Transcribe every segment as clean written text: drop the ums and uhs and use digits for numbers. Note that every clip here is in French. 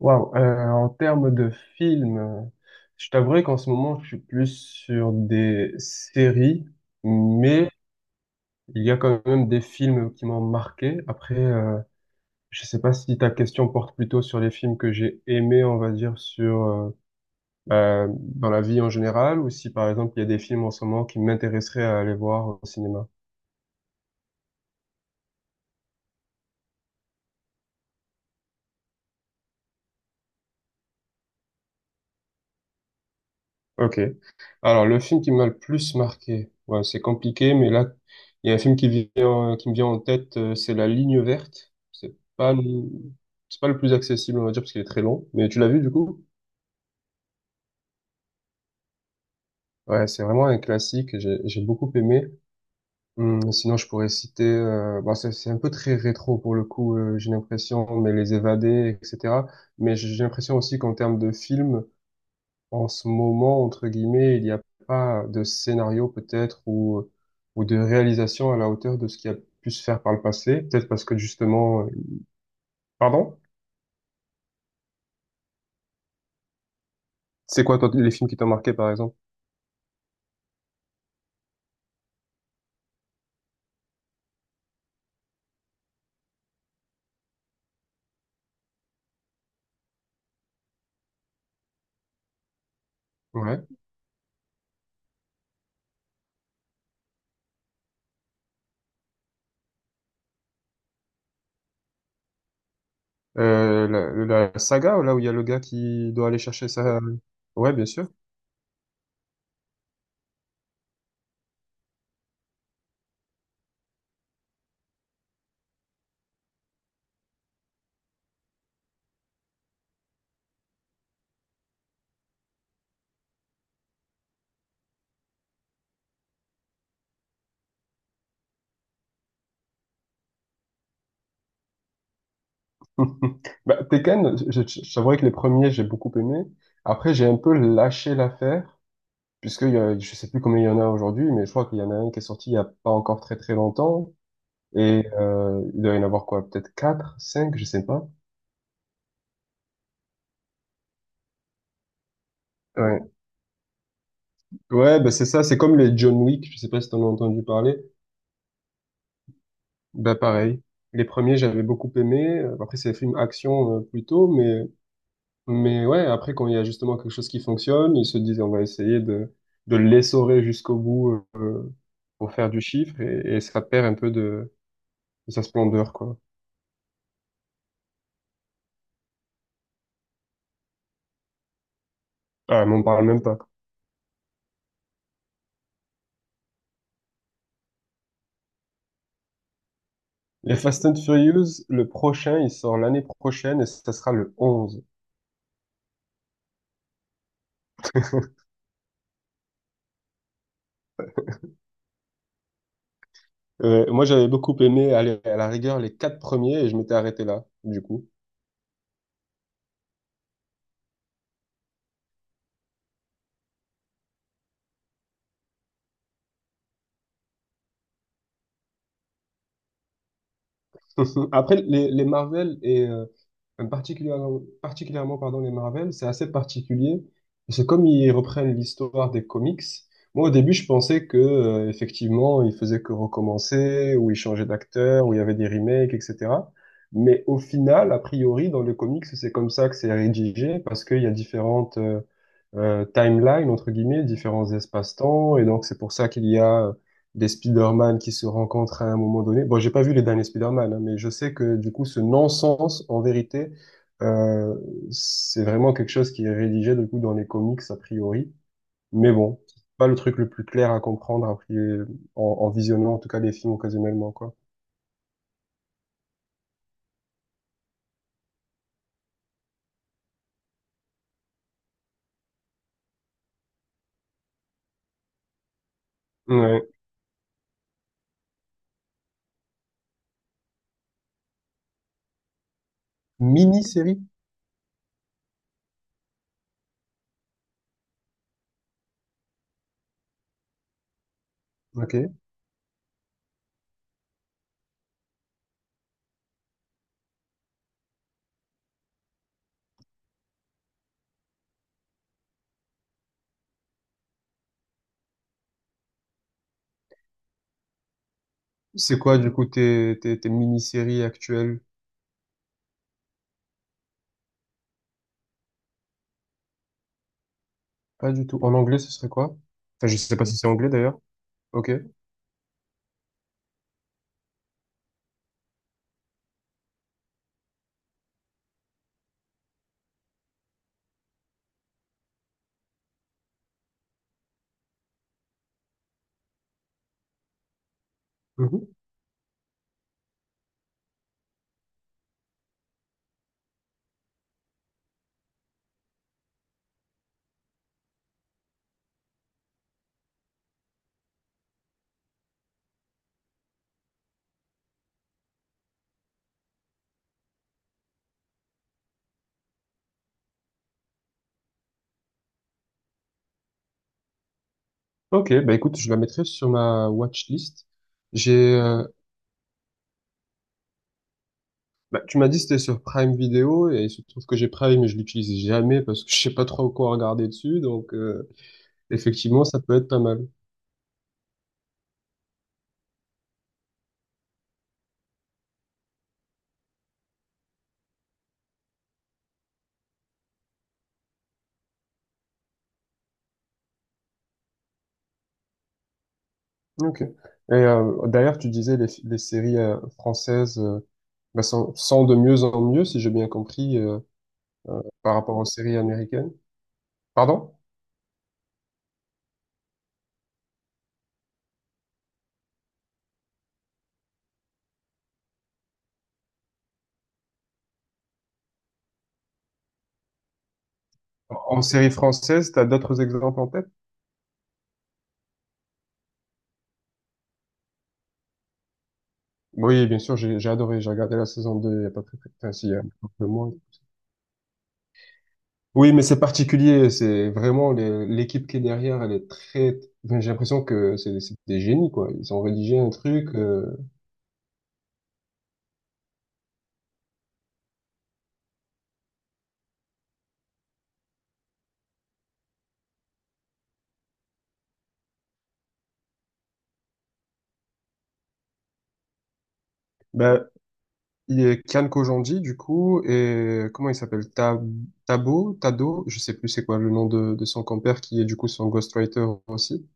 Wow. En termes de films, je t'avouerai qu'en ce moment, je suis plus sur des séries, mais il y a quand même des films qui m'ont marqué. Après, je sais pas si ta question porte plutôt sur les films que j'ai aimés, on va dire, sur bah, dans la vie en général, ou si par exemple il y a des films en ce moment qui m'intéresseraient à aller voir au cinéma. Ok. Alors, le film qui m'a le plus marqué, ouais, c'est compliqué, mais là, il y a un film qui vient, qui me vient en tête, c'est La Ligne verte. C'est pas le plus accessible, on va dire, parce qu'il est très long. Mais tu l'as vu, du coup? Ouais, c'est vraiment un classique, j'ai beaucoup aimé. Sinon, je pourrais citer, bon, c'est un peu très rétro pour le coup, j'ai l'impression, mais Les Évadés, etc. Mais j'ai l'impression aussi qu'en termes de film, en ce moment, entre guillemets, il n'y a pas de scénario peut-être ou de réalisation à la hauteur de ce qui a pu se faire par le passé. Peut-être parce que justement. Pardon? C'est quoi toi, les films qui t'ont marqué par exemple? Ouais. Euh, la saga, là où il y a le gars qui doit aller chercher sa. Ouais, bien sûr. Bah, Tekken, je t'avouerai que les premiers, j'ai beaucoup aimé. Après, j'ai un peu lâché l'affaire, puisque il y a, je sais plus combien il y en a aujourd'hui, mais je crois qu'il y en a un qui est sorti il y a pas encore très très longtemps. Et il doit y en avoir quoi? Peut-être 4, 5, je sais pas. Ouais, ouais, bah c'est ça, c'est comme les John Wick, je sais pas si t'en as entendu parler. Bah pareil. Les premiers, j'avais beaucoup aimé. Après, c'est des films action plutôt, mais ouais, après quand il y a justement quelque chose qui fonctionne, ils se disent on va essayer de l'essorer jusqu'au bout, pour faire du chiffre et ça perd un peu de sa splendeur quoi. Ah, m'en parle même pas. Les Fast and Furious, le prochain, il sort l'année prochaine et ça sera le 11. Ouais, moi, j'avais beaucoup aimé, aller à la rigueur, les quatre premiers et je m'étais arrêté là, du coup. Après, les Marvel et particulièrement, particulièrement pardon, les Marvel, c'est assez particulier. Parce que comme ils reprennent l'histoire des comics, moi au début je pensais que effectivement ils faisaient que recommencer, ou ils changeaient d'acteur, ou il y avait des remakes, etc. Mais au final, a priori, dans les comics, c'est comme ça que c'est rédigé, parce qu'il y a différentes timelines, entre guillemets, différents espaces-temps, et donc c'est pour ça qu'il y a des Spider-Man qui se rencontrent à un moment donné. Bon, j'ai pas vu les derniers Spider-Man, hein, mais je sais que du coup, ce non-sens, en vérité, euh, c'est vraiment quelque chose qui est rédigé du coup dans les comics a priori. Mais bon, c'est pas le truc le plus clair à comprendre a priori, en visionnant en tout cas les films occasionnellement, quoi. Ouais. Mini-série? Ok. C'est quoi du coup tes mini-séries actuelles? Pas du tout. En anglais, ce serait quoi? Enfin, je sais pas si c'est anglais d'ailleurs. Ok. Ok, bah écoute, je la mettrai sur ma watchlist. J'ai, euh, bah, tu m'as dit que c'était sur Prime Video et il se trouve que j'ai Prime mais je l'utilise jamais parce que je sais pas trop quoi regarder dessus, donc effectivement ça peut être pas mal. Ok. Et d'ailleurs tu disais les séries françaises, bah, sont de mieux en mieux si j'ai bien compris, par rapport aux séries américaines. Pardon? En série française, t'as d'autres exemples en tête? Oui, bien sûr, j'ai adoré, j'ai regardé la saison 2. Il y a pas très très enfin, si, il y a un peu moins. Oui, mais c'est particulier, c'est vraiment l'équipe qui est derrière, elle est très enfin, j'ai l'impression que c'est des génies quoi, ils ont rédigé un truc. Ben il y a Kian Kojandi du coup et comment il s'appelle? Tabo, Tado, je sais plus c'est quoi le nom de son compère qui est du coup son ghostwriter aussi.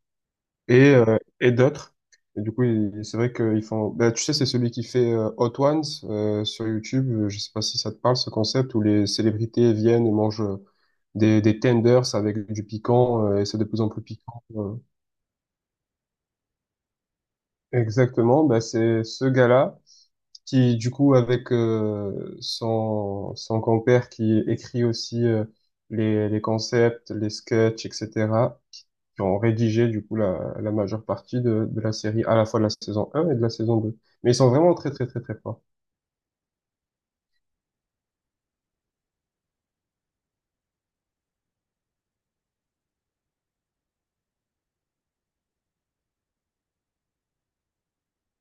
Et d'autres. Et du coup, c'est vrai qu'ils font. Bah, tu sais, c'est celui qui fait Hot Ones sur YouTube. Je sais pas si ça te parle ce concept où les célébrités viennent et mangent des tenders avec du piquant et c'est de plus en plus piquant. Exactement. Bah, c'est ce gars-là qui, du coup, avec son compère qui écrit aussi les concepts, les sketchs, etc. qui ont rédigé du coup la majeure partie de la série, à la fois de la saison un et de la saison 2. Mais ils sont vraiment très très très très forts.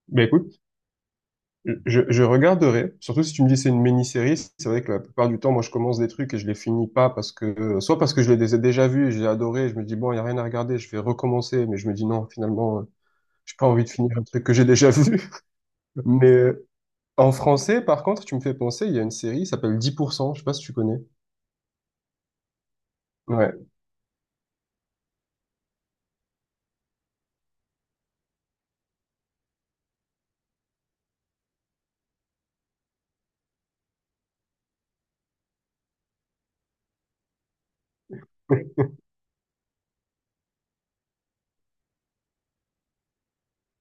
Ben écoute, je regarderai, surtout si tu me dis c'est une mini-série, c'est vrai que la plupart du temps, moi je commence des trucs et je les finis pas parce que, soit parce que je les ai déjà vus, et j'ai adoré, et je me dis bon, il y a rien à regarder, je vais recommencer, mais je me dis non, finalement, j'ai pas envie de finir un truc que j'ai déjà vu. Mais en français, par contre, tu me fais penser, il y a une série, qui s'appelle 10%, je sais pas si tu connais. Ouais.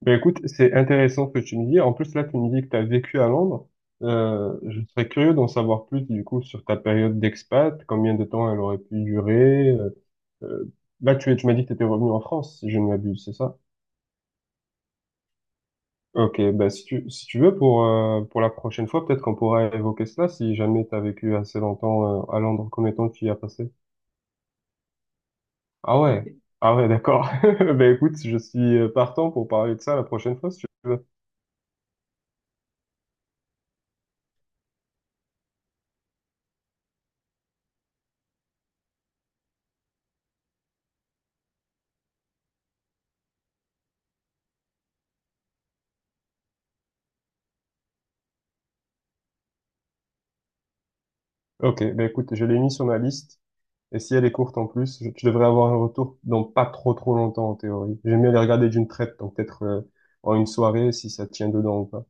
Ben écoute, c'est intéressant ce que tu me dis. En plus, là, tu me dis que tu as vécu à Londres. Je serais curieux d'en savoir plus, du coup, sur ta période d'expat, combien de temps elle aurait pu durer. Euh, là, tu m'as dit que tu étais revenu en France, si je ne m'abuse, c'est ça? Ok, ben si tu veux, pour la prochaine fois, peut-être qu'on pourra évoquer cela, si jamais tu as vécu assez longtemps à Londres, combien de temps tu y as passé? Ah ouais, ah ouais, d'accord. Ben écoute, je suis partant pour parler de ça la prochaine fois, si tu veux. Ok, ben écoute, je l'ai mis sur ma liste. Et si elle est courte en plus, je devrais avoir un retour dans pas trop trop longtemps en théorie. J'aime bien les regarder d'une traite, donc peut-être en une soirée si ça tient dedans ou pas.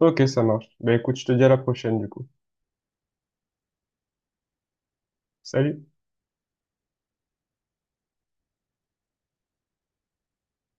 Ok, ça marche. Ben écoute, je te dis à la prochaine du coup. Salut!